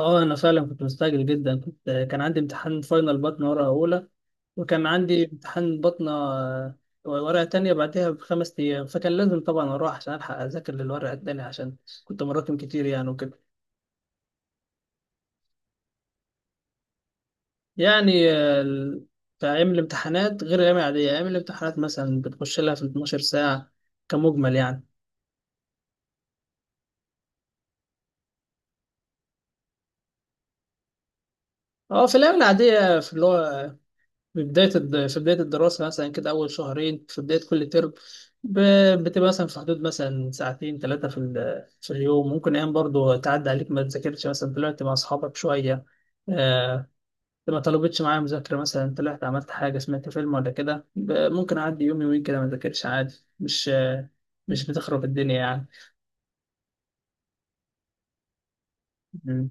اه، انا فعلا كنت مستعجل جدا. كان عندي امتحان فاينل بطنه ورقه اولى، وكان عندي امتحان بطنه ورقه تانية بعدها بخمس ايام، فكان لازم طبعا اروح عشان الحق اذاكر للورقه التانية، عشان كنت مراكم كتير يعني وكده. يعني في ايام الامتحانات غير الايام العاديه، ايام الامتحانات مثلا بتخش لها في 12 ساعه كمجمل يعني. اه في الايام العاديه، في اللغه، في بداية الدراسة مثلا كده أول شهرين في بداية كل ترم، بتبقى مثلا في حدود مثلا ساعتين ثلاثة في اليوم، ممكن أيام برضو تعدي عليك ما تذاكرش، مثلا طلعت مع أصحابك شوية، آه، ما طلبتش معايا مذاكرة، مثلا طلعت عملت حاجة سمعت فيلم ولا كده، ممكن أعدي يوم يومين كده ما ذاكرش عادي، مش بتخرب الدنيا يعني. مم.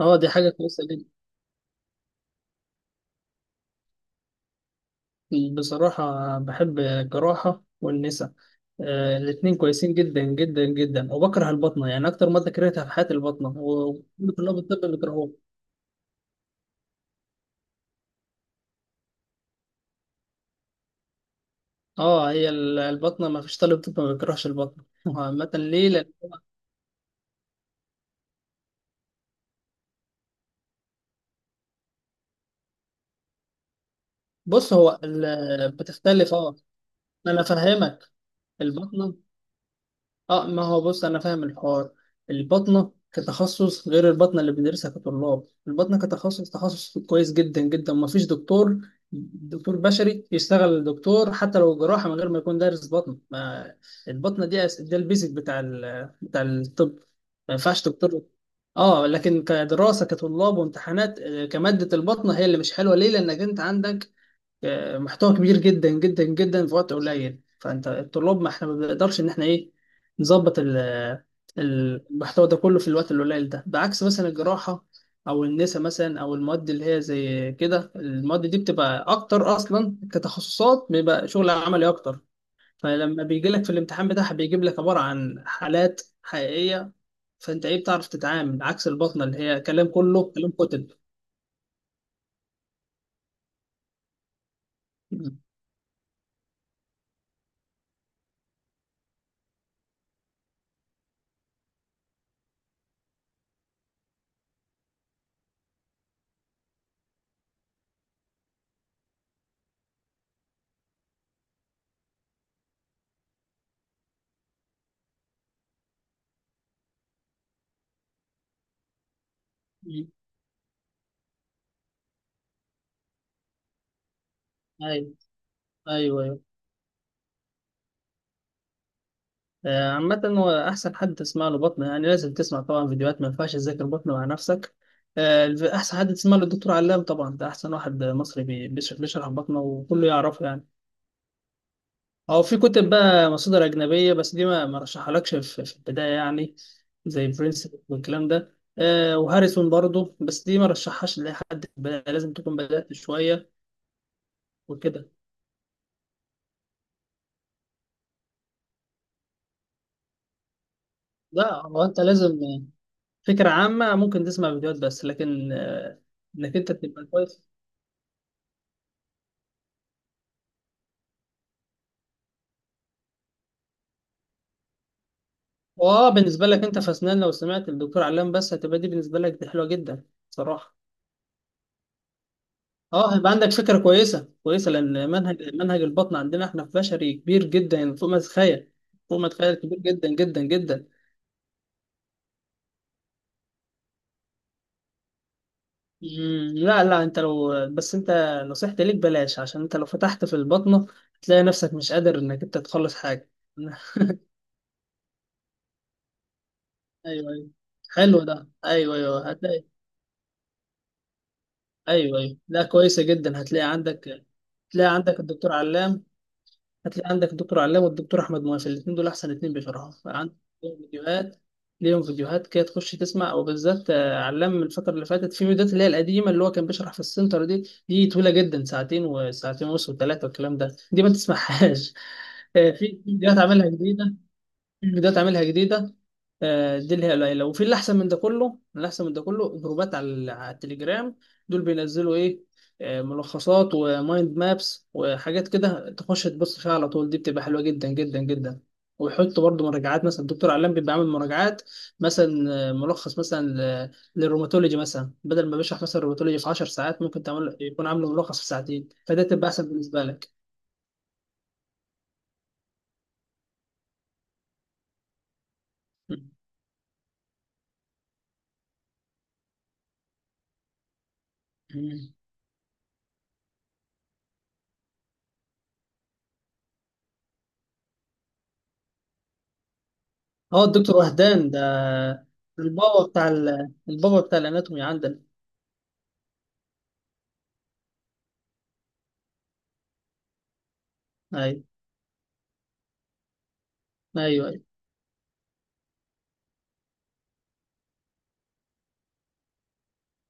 اه دي حاجة كويسة جدا. بصراحة بحب الجراحة والنساء، الاتنين كويسين جدا جدا جدا، وبكره البطنة، يعني أكتر مادة كرهتها في حياتي البطنة، وكل طلاب الطب بيكرهوها. اه هي البطنة ما فيش طالب طب ما بيكرهش البطنة عامة. ليه؟ لأن بص هو بتختلف. اه أنا فاهمك. البطنة، اه ما هو بص انا فاهم الحوار، البطنه كتخصص غير البطنه اللي بندرسها كطلاب. البطنه كتخصص تخصص كويس جدا جدا، ما فيش دكتور دكتور بشري يشتغل دكتور حتى لو جراحه من غير ما يكون دارس بطن. ما البطنه دي ده البيزك بتاع الطب، ما ينفعش دكتور. اه لكن كدراسه كطلاب وامتحانات، كماده البطنه هي اللي مش حلوه. ليه؟ لانك انت عندك محتوى كبير جدا جدا جدا في وقت قليل، فانت الطلاب، ما احنا ما بنقدرش ان احنا ايه نظبط المحتوى ده كله في الوقت القليل ده، بعكس مثلا الجراحة او النساء مثلا، او المواد اللي هي زي كده، المواد دي بتبقى اكتر اصلا كتخصصات، بيبقى شغل عملي اكتر، فلما بيجي لك في الامتحان بتاعها بيجيب لك عبارة عن حالات حقيقية، فانت ايه بتعرف تتعامل، عكس البطنة اللي هي كلام، كله كلام كتب. م- م- ايوه ايوه. عامة هو أحسن حد تسمع له بطنه، يعني لازم تسمع طبعا فيديوهات، ما ينفعش تذاكر بطنه مع نفسك. أحسن حد تسمع له الدكتور علام طبعا، ده أحسن واحد مصري بيشرح بطنه، وكله يعرفه يعني. أو في كتب بقى، مصادر أجنبية، بس دي ما رشحهالكش في البداية يعني، زي برنس والكلام ده، وهاريسون برضه، بس دي ما رشحهاش لأي حد في البداية، لازم تكون بدأت شوية وكده. لا هو أنت لازم فكرة عامة، ممكن تسمع فيديوهات بس، لكن إنك أنت تبقى كويس. واه بالنسبة لك انت في اسنان، لو سمعت الدكتور علام بس هتبقى، دي بالنسبة لك دي حلوة جدا صراحة. اه هيبقى عندك فكرة كويسة كويسة، لان منهج منهج البطن عندنا احنا في بشري كبير جدا، يعني فوق ما تتخيل، فوق ما تتخيل، كبير جدا جدا جدا. مم، لا لا. انت لو بس انت، نصيحتي ليك بلاش، عشان انت لو فتحت في البطنة هتلاقي نفسك مش قادر انك انت تخلص حاجة. ايوه ايوه، حلو ده. ايوه ايوه هتلاقي. ايوه ايوه، لا كويسة جدا، هتلاقي عندك، تلاقي عندك الدكتور علام، هتلاقي عندك الدكتور علام والدكتور احمد مواسي، الاثنين دول احسن اثنين بيشرحوا عندك، ليهم فيديوهات، ليهم فيديوهات كده تخش تسمع. او بالذات علام الفتره اللي فاتت في فيديوهات اللي هي القديمه، اللي هو كان بيشرح في السنتر دي. دي طويله جدا، ساعتين وساعتين ونص وثلاثه والكلام ده، دي ما تسمعهاش. في فيديوهات عاملها جديده، في فيديوهات عاملها جديده، دي اللي هي قليله. وفي اللي احسن من ده كله، اللي احسن من ده كله جروبات على التليجرام، دول بينزلوا ايه، ملخصات ومايند مابس وحاجات كده، تخش تبص فيها على طول، دي بتبقى حلوه جدا جدا جدا. ويحط برضه مراجعات، مثلا الدكتور علام بيبقى عامل مراجعات مثلا، ملخص مثلا للروماتولوجي مثلا، بدل ما بيشرح مثلا الروماتولوجي في 10 ساعات، ممكن تعمل يكون عامله ملخص في ساعتين، فده تبقى احسن بالنسبه لك. هو الدكتور وهدان ده البابا البابا بتاع الاناتومي عندنا. ايوه ايوه ايوه.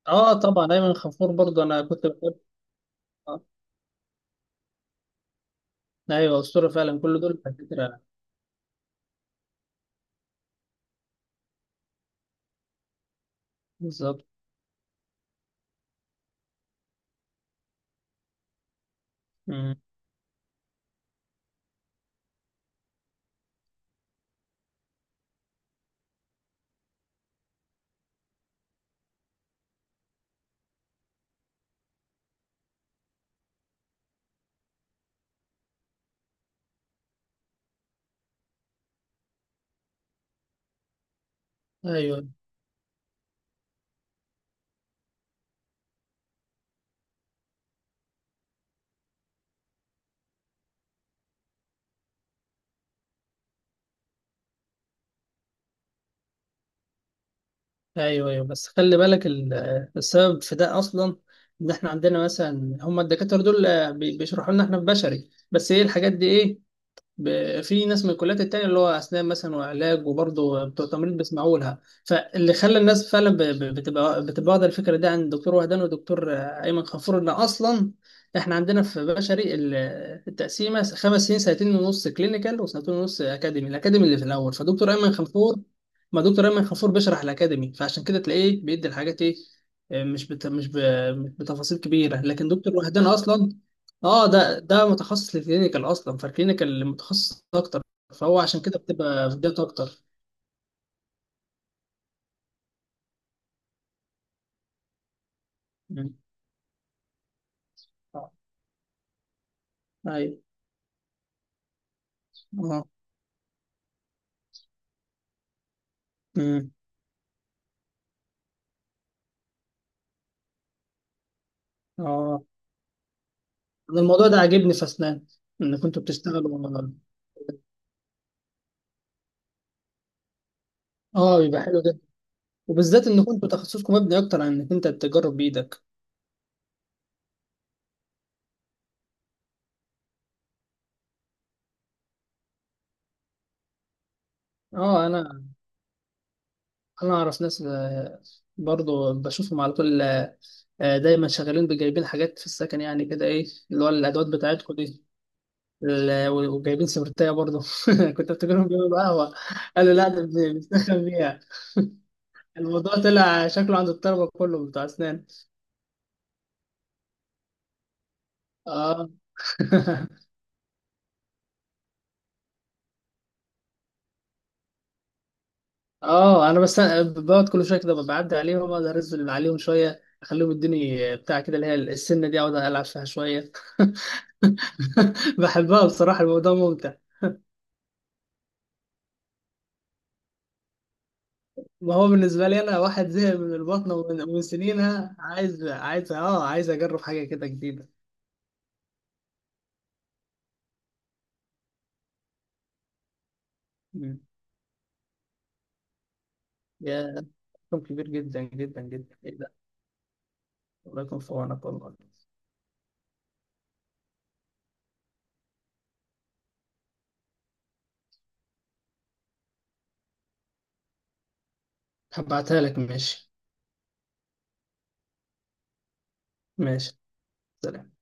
اه طبعا ايمن خفور برضه انا كنت بحب. آه. ايوه اسطوره فعلا، كل دول دكاتره. بالظبط. مم. ايوه ايوه ايوه. بس خلي بالك السبب في ده اصلا، ان احنا عندنا مثلا هم الدكاتره دول، بيشرحوا لنا احنا في بشري بس، ايه الحاجات دي ايه، في ناس من الكليات التانية اللي هو أسنان مثلا وعلاج وبرضه بتوع تمريض بيسمعوا لها، فاللي خلى الناس فعلا بتبقى واخدة الفكرة دي عن الدكتور وهدان والدكتور أيمن غفور، إن أصلا إحنا عندنا في بشري التقسيمة خمس سنين، سنتين ونص كلينيكال وسنتين ونص أكاديمي، الأكاديمي اللي في الأول، فدكتور أيمن غفور، ما دكتور أيمن غفور بيشرح الأكاديمي، فعشان كده تلاقيه بيدي الحاجات إيه، مش بت... مش ب... مش بتفاصيل كبيرة، لكن دكتور وهدان أصلا، اه ده متخصص للكلينيكال اصلا، فالكلينيكال متخصص اكتر، فهو عشان كده بتبقى في ديت اكتر. مم. آه. ايوه. اه. مم. اه انا الموضوع ده عاجبني في اسنان، ان كنتوا بتشتغلوا، اه بيبقى حلو جدا، وبالذات ان كنتوا تخصصكم مبني اكتر عن انك انت تجرب بايدك. اه انا انا اعرف ناس، برضو بشوفهم على طول، دايما شغالين بجايبين حاجات في السكن، يعني كده ايه اللي هو الادوات بتاعتكم دي، وجايبين سبرتايه برضه. كنت افتكرهم بيعملوا قهوه، قالوا لا ده بنسخن بيها. الموضوع طلع شكله عند الطلبه كله بتوع اسنان. اه. اه انا بس بقعد كل شويه كده، بعدي عليهم اقدر انزل عليهم شويه، اخليهم يدوني بتاع كده اللي هي السنه دي، اقعد العب فيها شويه. بحبها بصراحه، الموضوع ممتع. ما هو بالنسبه لي انا واحد زهق من البطنه ومن سنينها، عايز اجرب حاجه كده جديده. مم. يا رقم كبير جدا جدا جدا، ايه ده. الله يكون في عونك والله. هبعتها لك ماشي. ماشي، سلام.